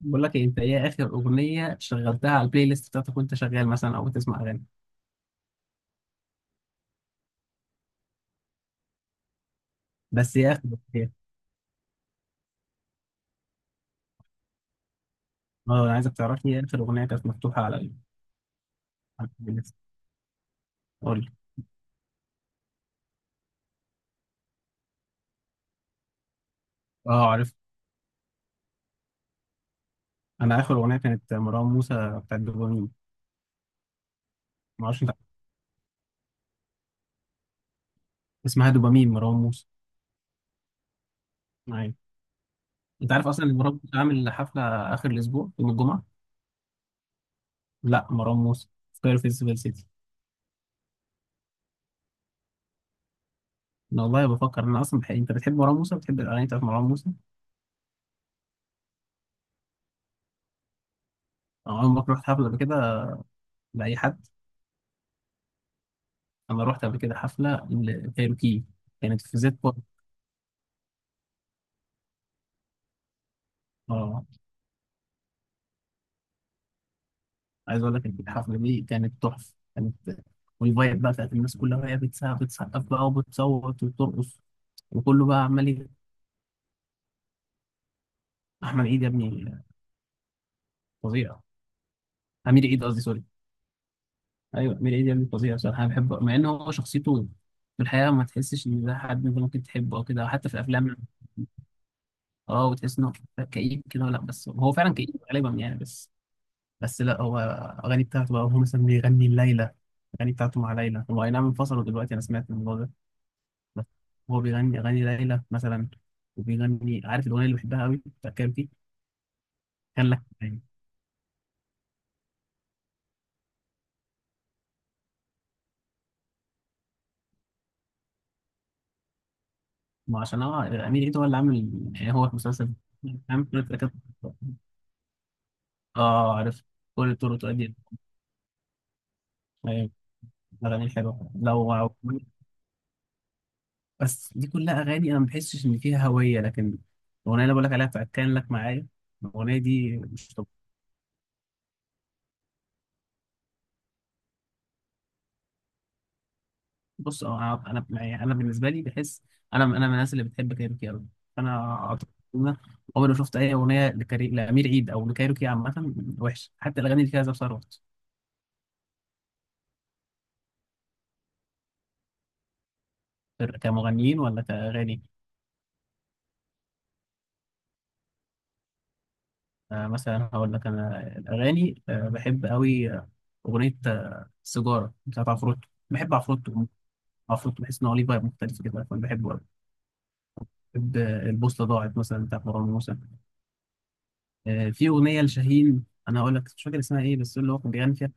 بقول لك إيه، انت ايه اخر اغنيه شغلتها على البلاي ليست بتاعتك وانت شغال مثلا او بتسمع اغاني؟ بس ايه اخر اغنيه؟ اه انا عايزك تعرف لي إيه اخر اغنيه كانت مفتوحه على على البلاي ليست. قول لي. اه عارف. انا اخر اغنيه كانت مروان موسى بتاعت دوبامين. ما اعرفش انت عارف. اسمها دوبامين مروان موسى. ايوه، انت عارف اصلا ان مروان موسى عامل حفله اخر الاسبوع يوم الجمعه؟ لا، مروان موسى في كايرو فيستيفال سيتي. انا والله بفكر انا اصلا بحق. انت بتحب مروان موسى؟ بتحب الاغاني بتاعت مروان موسى؟ انا عمرك رحت حفله قبل كده لاي حد؟ انا رحت قبل كده حفله لكايروكي، كانت في زيت بوت. اه، عايز اقول لك إن الحفله دي كانت تحفه، كانت والفايب بقى بتاعت الناس كلها وهي بتسقف بقى وبتصوت وبترقص وكله بقى عمال يجري. احمد عيد يا ابني فظيع. امير عيد قصدي، سوري. ايوه امير عيد يا ابني، فظيع بصراحه. انا بحبه مع ان هو شخصيته في الحقيقه ما تحسش ان ده حد انت ممكن تحبه او كده، حتى في الافلام. اه، وتحس انه كئيب كده. لا بس هو فعلا كئيب غالبا يعني. بس لا هو اغاني بتاعته بقى، هو مثلا بيغني ليلى. اغاني بتاعته مع ليلى، هو اي نعم انفصلوا دلوقتي، انا سمعت الموضوع ده. بس هو بيغني اغاني ليلى مثلا، وبيغني عارف الاغنيه اللي بحبها قوي بتاع كارتي؟ كان لك يعني. ما عشان هو امير عيد هو اللي عامل، يعني هو في مسلسل عامل كل التراكات. اه عارف، كل الطرق تؤدي. ايوه الاغاني الحلوه لو. بس دي كلها اغاني انا ما بحسش ان فيها هويه، لكن الاغنيه اللي بقول لك عليها بتاعت كان لك معايا، الاغنيه دي مش طبيعية. بص، اه، انا يعني انا بالنسبه لي بحس انا من الناس اللي بتحب كايروكي قوي. انا اعتقد إن أنا عمري ما شفت اي اغنيه لامير عيد او لكايروكي عامه وحشه، حتى الاغاني اللي فيها زاب ثروت. كمغنيين ولا كاغاني؟ مثلا هقول لك انا الاغاني بحب قوي، اغنيه سيجاره بتاعت عفروتو. بحب عفروتو، عفروتو بحس ان هو ليه فايب مختلف كده، فانا بحبه قوي. بحب البوصله ضاعت مثلا بتاعت مروان موسى. في اغنيه لشاهين انا هقول لك، مش فاكر اسمها ايه، بس اللي هو كان بيغني فيها.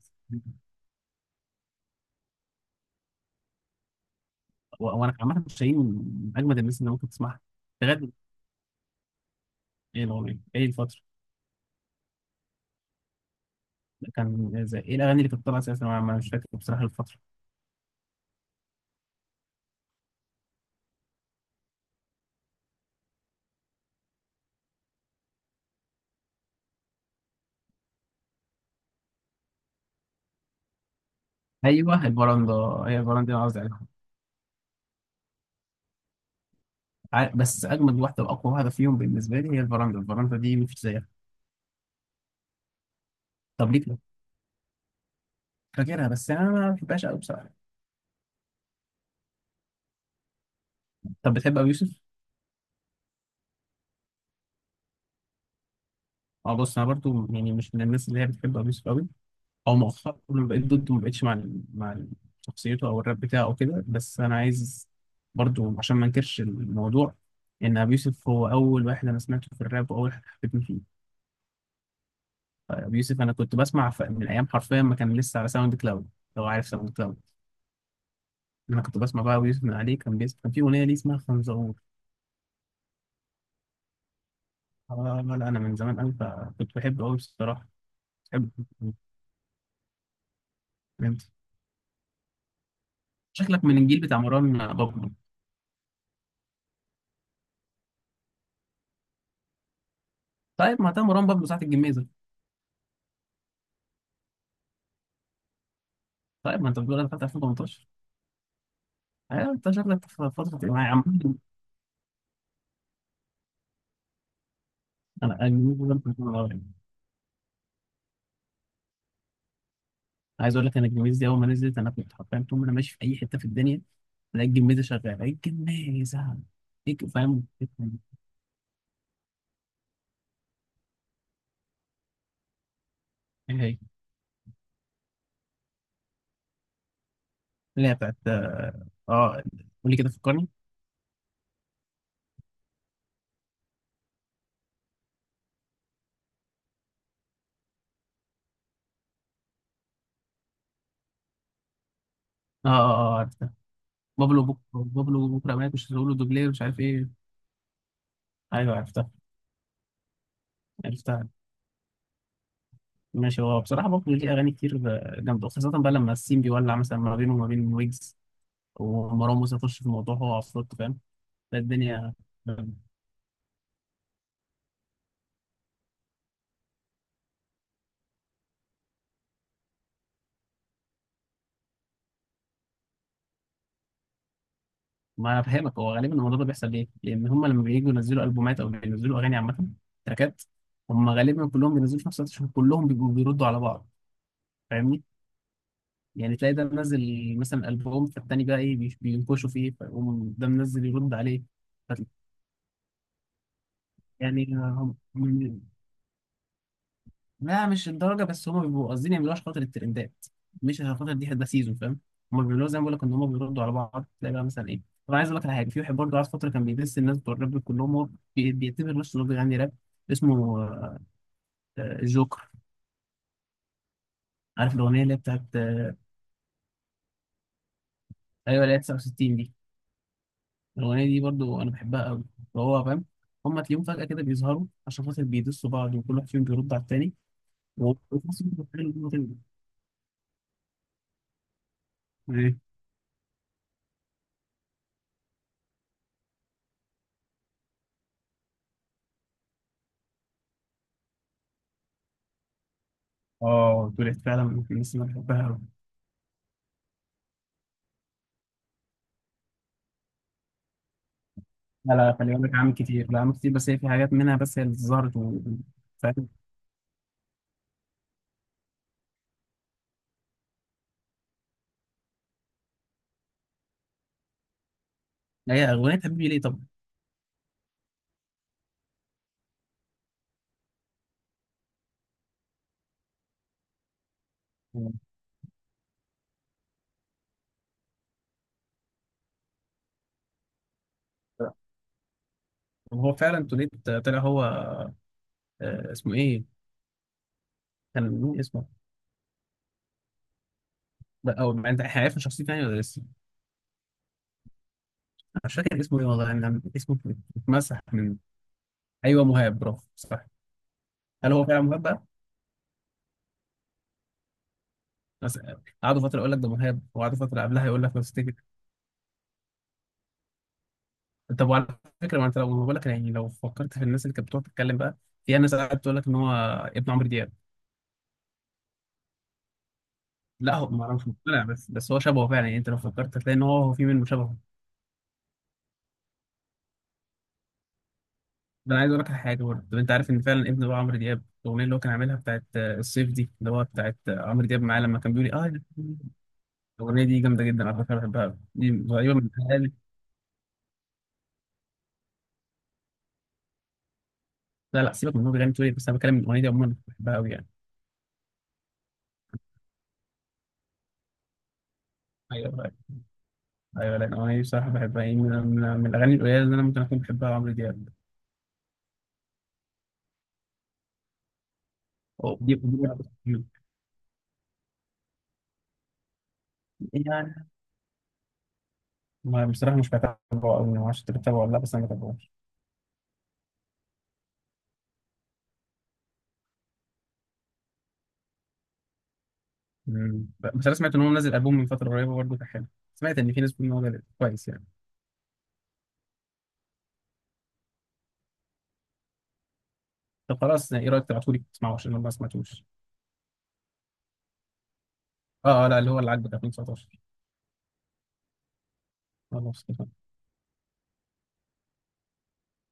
و- وانا عامه شيرين من اجمد الناس اللي ممكن تسمعها. لغايه دل- ايه الاغنيه؟ ايه الفتره؟ كان زي ايه الاغاني اللي كانت طالعه اساسا؟ انا مش فاكر بصراحه الفتره. ايوه البراندا، هي البراندا اللي انا قصدي عليها. بس اجمد واحده واقوى واحده فيهم بالنسبه لي هي البراندا. البراندا دي مفيش زيها. طب ليه كده؟ فاكرها بس انا ما بحبهاش قوي بصراحه. طب بتحب ابو يوسف؟ اه بص، انا برضو يعني مش من الناس اللي هي بتحب ابو يوسف قوي، او مؤخرا بقيت ضده. ما بقتش مع شخصيته او الراب بتاعه وكده. بس انا عايز برضو عشان ما انكرش الموضوع، ان ابي يوسف هو اول واحد انا سمعته في الراب واول واحد حبيتني فيه. ابي يوسف انا كنت بسمع من ايام حرفيا ما كان لسه على ساوند كلاود، لو عارف ساوند كلاود. انا كنت بسمع بقى ابي يوسف من عليه كان بيس، كان في اغنيه ليه اسمها خنزور. آه، لا لا انا من زمان قوي، فكنت بحبه قوي بصراحه. بحبه، فهمت. شكلك من الجيل بتاع مروان بابلو. طيب ما ده مروان بابلو ساعه الجميزه. طيب ما انت بتقول انا دخلت 2018. أيوة، انت شكلك في فترة ايه يا عم؟ انا الجميز ده كنت من الأول. عايز اقول لك انا الجميز دي اول ما نزلت، انا كنت حرفيا طول ما انا ماشي في اي حتة في الدنيا الاقي الجميزة شغالة، الاقي الجميزة. هيك، فاهم الفكرة دي؟ ايه هي؟ اللي هي بتاعت اه، قول لي كده، فكرني. اه اه اه، عرفتها. بابلو بكره، بابلو بكره مات، مش هتقول له دوبلير مش عارف ايه. ايوه عرفتها. عرفتها. ماشي. هو بصراحة بابلو ليه اغاني كتير جامدة، خاصة بقى لما السين بيولع مثلا ما بينه وما بين ويجز ومروان موسى يخش في الموضوع هو عفروت، فاهم؟ لا الدنيا. ما انا فاهمك، هو غالبا الموضوع ده بيحصل ليه؟ لان هم لما بييجوا ينزلوا البومات او بينزلوا اغاني عامه تراكات، هم غالبا كلهم بينزلوا في نفس الوقت عشان كلهم بيبقوا بيردوا على بعض، فاهمني؟ يعني تلاقي ده منزل مثلا البوم، فالتاني بقى ايه، بينكشوا فيه، فيقوم ده منزل يرد عليه. فت- يعني هم لا مش الدرجه، بس هم بيبقوا قاصدين يعملوها عشان خاطر الترندات، مش عشان خاطر دي هتبقى سيزون، فاهم؟ هم بيعملوها زي ما بقول لك، ان هم بيردوا على بعض، تلاقي بقى مثلا ايه. طب عايز اقول لك على حاجه، في واحد برضه قعد فتره كان بيدس الناس بتوع الراب كلهم، هو بيعتبر نفسه انه بيغني راب. اسمه الجوكر. عارف الاغنيه اللي هي بتاعت ايوه اللي هي 69 دي؟ الاغنيه دي برضه انا بحبها قوي. فهو فاهم. هم تلاقيهم فجاه كده بيظهروا عشان خاطر بيدسوا بعض وكل واحد فيهم بيرد على التاني، وفي نفس الوقت بيعملوا إن هما تاني. ايه؟ اه، طلعت فعلا من الناس اللي انا بحبها. لا لا، خلي بالك عامل كتير. لا عامل كتير، بس هي في حاجات منها بس هي اللي ظهرت و... فاهم. هي أغنية حبيبي ليه طبعا. وهو فعلا توليت طلع هو، اسمه ايه؟ كان مين اسمه؟ لا، او ما انت احنا عرفنا شخصيته يعني ولا لسه؟ مش فاكر اسمه ايه والله، يعني اسمه اتمسح من. ايوه مهاب، برافو، صح. هل هو فعلا مهاب بقى؟ بس قعدوا فتره يقول لك ده مهاب، وقعدوا فتره قبلها يقول لك لو تفتكر. طب وعلى فكره، ما انت لو بقول لك يعني لو فكرت في الناس اللي كانت بتقعد تتكلم بقى، في ناس قاعده تقول لك ان هو ابن عمرو دياب. لا هو ما انا مش مقتنع، بس بس هو شبهه فعلا يعني، انت لو فكرت هتلاقي ان هو هو في منه شبهه. ده انا عايز اقول لك على حاجه برضه. طب انت عارف ان فعلا ابن بقى عمرو دياب، الاغنيه اللي هو كان عاملها بتاعت الصيف دي، اللي هو بتاعت عمرو دياب معاه لما كان بيقول لي اه؟ الاغنيه دي جامده جدا على فكره، بحبها أوي. دي غريبه من الحال. لا لا، سيبك من إن هو بيغني تقول إيه، بس انا بتكلم من الاغنيه دي عموما، بحبها قوي يعني. ايوه ايوه. لا الاغنيه دي بصراحه بحبها، يعني من الاغاني القليله اللي انا ممكن اكون بحبها عمرو دياب. أو دي دي- يعني، ما بصراحه مش بتابعه قوي، ما اعرفش انت بتتابعه ولا لا، بس انا بتابعه. مم. بس انا سمعت ان هو منزل البوم من فتره قريبه برضه كان حلو، سمعت ان في ناس بتقول ان هو جامد كويس يعني. طب خلاص، يعني ايه رايك تبعتولي تسمعه عشان انا ما سمعتوش؟ اه اه، لا اللي هو اللي عاجبك 2019. خلاص.